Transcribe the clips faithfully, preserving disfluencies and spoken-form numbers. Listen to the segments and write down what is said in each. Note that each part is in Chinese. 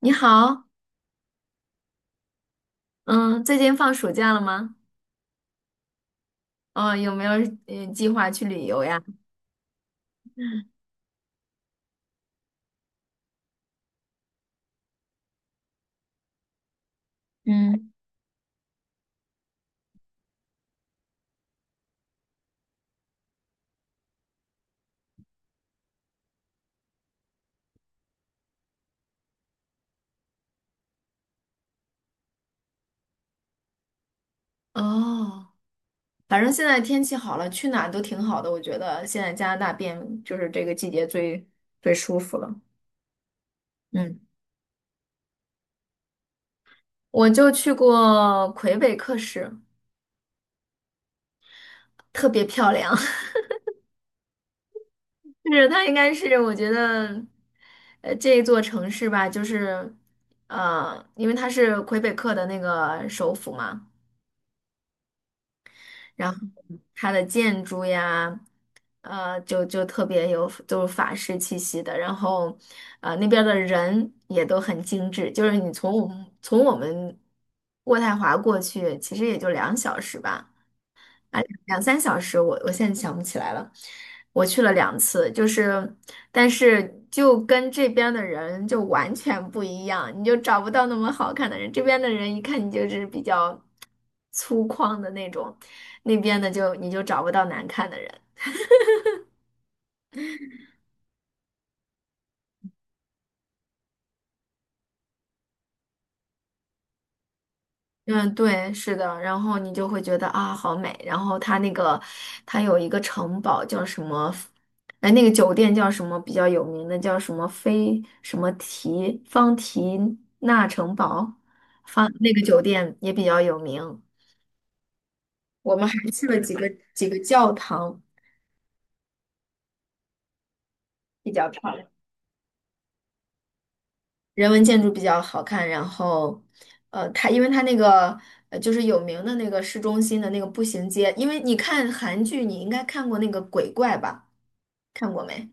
你好，嗯，最近放暑假了吗？哦，有没有嗯计划去旅游呀？嗯，哦，反正现在天气好了，去哪儿都挺好的。我觉得现在加拿大变就是这个季节最最舒服了。嗯，我就去过魁北克市，特别漂亮。就是它应该是我觉得，呃，这一座城市吧，就是，呃，因为它是魁北克的那个首府嘛。然后它的建筑呀，呃，就就特别有就是法式气息的。然后，呃，那边儿的人也都很精致，就是你从我们从我们渥太华过去，其实也就两小时吧。啊，两三小时我，我现在想不起来了。我去了两次，就是，但是就跟这边的人就完全不一样，你就找不到那么好看的人。这边的人一看你就是比较粗犷的那种，那边的就你就找不到难看的人。嗯，对，是的，然后你就会觉得啊，好美。然后它那个，它有一个城堡叫什么？哎，那个酒店叫什么？比较有名的叫什么菲什么提方提纳城堡，方那个酒店也比较有名。我们还去了几个几个教堂，比较漂亮，人文建筑比较好看。然后，呃，它因为它那个呃就是有名的那个市中心的那个步行街，因为你看韩剧，你应该看过那个鬼怪吧？看过没？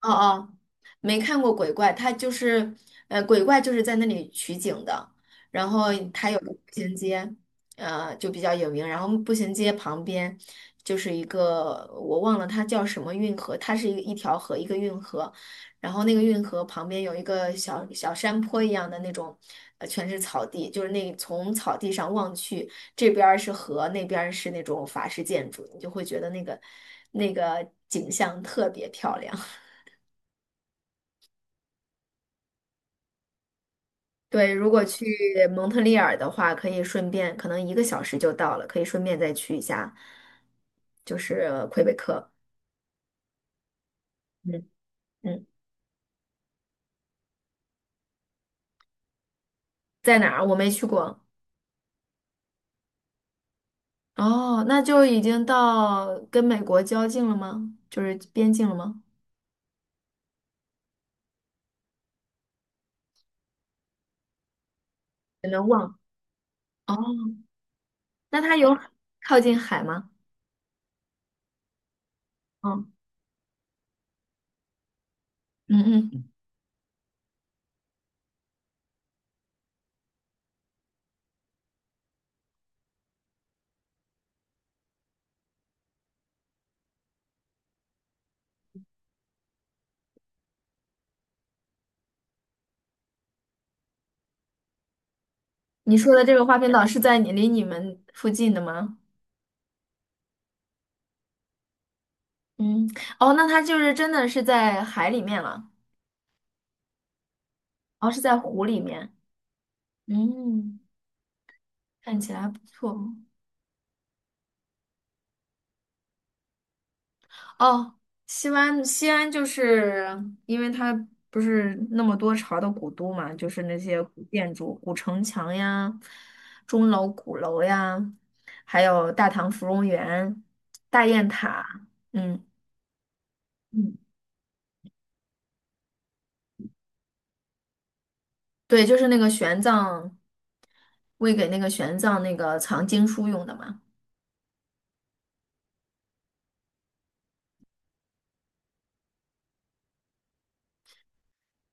哦哦，没看过鬼怪，它就是，呃，鬼怪就是在那里取景的，然后它有个步行街，呃，就比较有名，然后步行街旁边就是一个我忘了它叫什么运河，它是一一条河，一个运河，然后那个运河旁边有一个小小山坡一样的那种，呃，全是草地，就是那从草地上望去，这边儿是河，那边儿是那种法式建筑，你就会觉得那个那个景象特别漂亮。对，如果去蒙特利尔的话，可以顺便，可能一个小时就到了，可以顺便再去一下，就是呃魁北克。嗯嗯，在哪儿？我没去过。哦，那就已经到跟美国交境了吗？就是边境了吗？有点忘。哦，那它有靠近海吗？嗯嗯嗯，你说的这个花瓶岛是在你离你们附近的吗？嗯，哦，那它就是真的是在海里面了，哦，是在湖里面。嗯。看起来不错哦。西安，西安就是因为它不是那么多朝的古都嘛，就是那些古建筑、古城墙呀、钟楼、鼓楼呀，还有大唐芙蓉园、大雁塔。嗯嗯，对，就是那个玄奘为给那个玄奘那个藏经书用的嘛，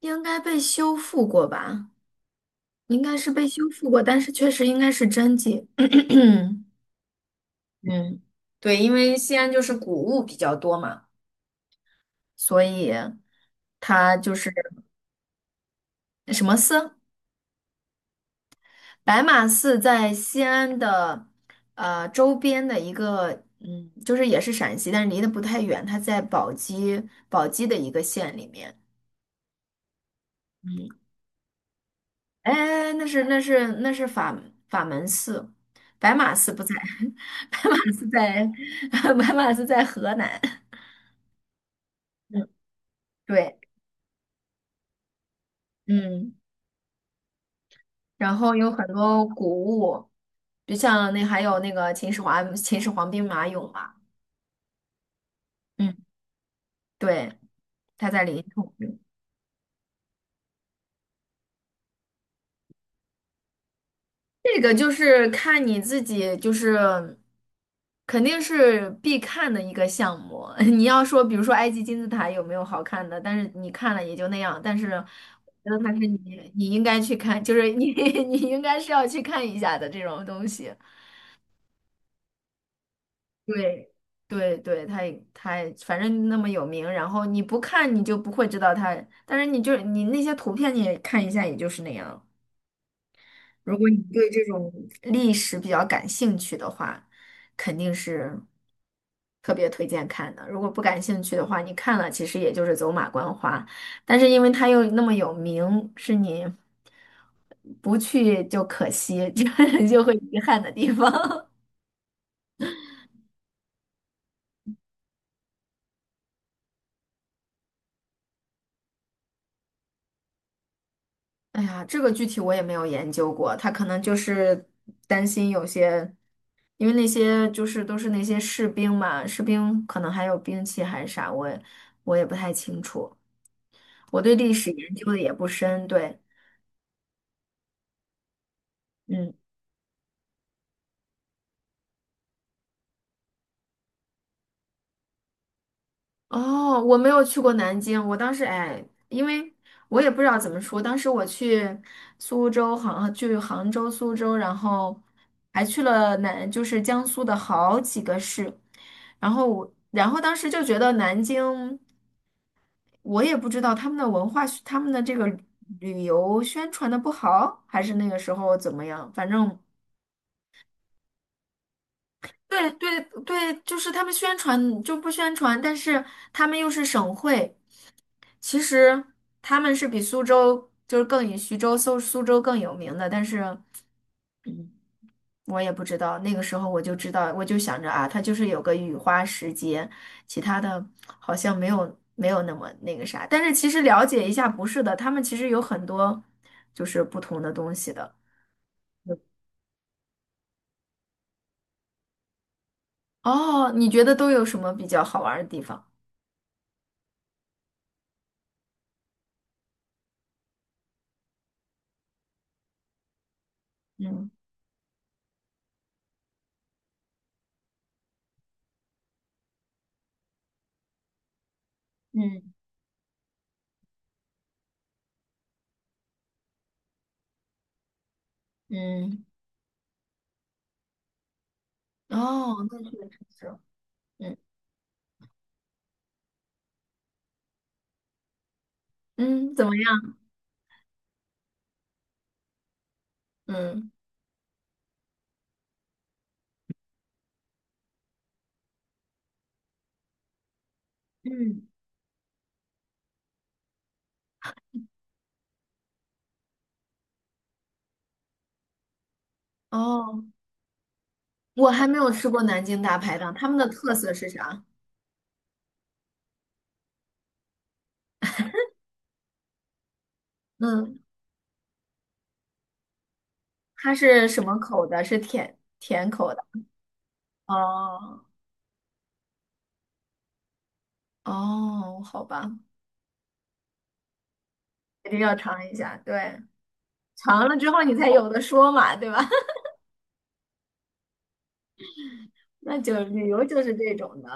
应该被修复过吧？应该是被修复过，但是确实应该是真迹。嗯，对，因为西安就是古物比较多嘛，所以它就是什么寺？白马寺在西安的呃周边的一个，嗯，就是也是陕西，但是离得不太远，它在宝鸡宝鸡的一个县里面。哎，那是那是那是法法门寺，白马寺不在，白马寺在 白马寺在河南。嗯，对，嗯。然后有很多古物，就像那还有那个秦始皇秦始皇兵马俑嘛，嗯，对，他在临潼用这个就是看你自己，就是肯定是必看的一个项目。你要说，比如说埃及金字塔有没有好看的，但是你看了也就那样。但是我觉得它是你你应该去看，就是你 你应该是要去看一下的这种东西。对对对，他也他也反正那么有名，然后你不看你就不会知道他，但是你就你那些图片你也看一下，也就是那样。如果你对这种历史比较感兴趣的话，肯定是特别推荐看的。如果不感兴趣的话，你看了其实也就是走马观花，但是因为他又那么有名，是你不去就可惜，就 就会遗憾的地方。哎呀，这个具体我也没有研究过，他可能就是担心有些，因为那些就是都是那些士兵嘛，士兵可能还有兵器还是啥，我也我也不太清楚，我对历史研究的也不深，对，嗯。哦，我没有去过南京，我当时哎，因为我也不知道怎么说，当时我去苏州、杭，去杭州、苏州，然后还去了南，就是江苏的好几个市，然后我，然后当时就觉得南京，我也不知道他们的文化，他们的这个旅游宣传的不好，还是那个时候怎么样，反正。对对对，就是他们宣传就不宣传，但是他们又是省会。其实他们是比苏州就是更以徐州、苏苏州更有名的，但是我也不知道。那个时候我就知道，我就想着啊，它就是有个雨花石节，其他的好像没有没有那么那个啥。但是其实了解一下，不是的，他们其实有很多就是不同的东西的。哦，你觉得都有什么比较好玩儿的地方？嗯嗯嗯，哦，那确实是，嗯嗯，怎么样？嗯嗯，哦。我还没有吃过南京大排档，他们的特色是啥？嗯，它是什么口的？是甜甜口的。哦哦，好吧，一定要尝一下。对，尝了之后你才有的说嘛，对吧？那就旅游就是这种的。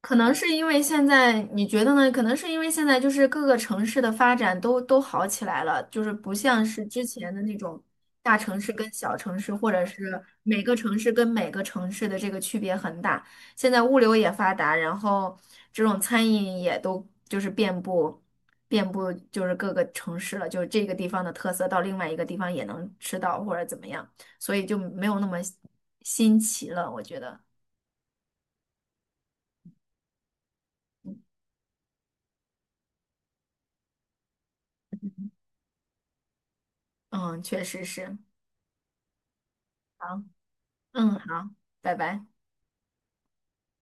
可能是因为现在，你觉得呢？可能是因为现在就是各个城市的发展都都好起来了，就是不像是之前的那种大城市跟小城市，或者是每个城市跟每个城市的这个区别很大。现在物流也发达，然后这种餐饮也都就是遍布遍布就是各个城市了，就是这个地方的特色到另外一个地方也能吃到或者怎么样，所以就没有那么新奇了，我觉得。嗯，嗯确实是。好嗯，好，拜拜。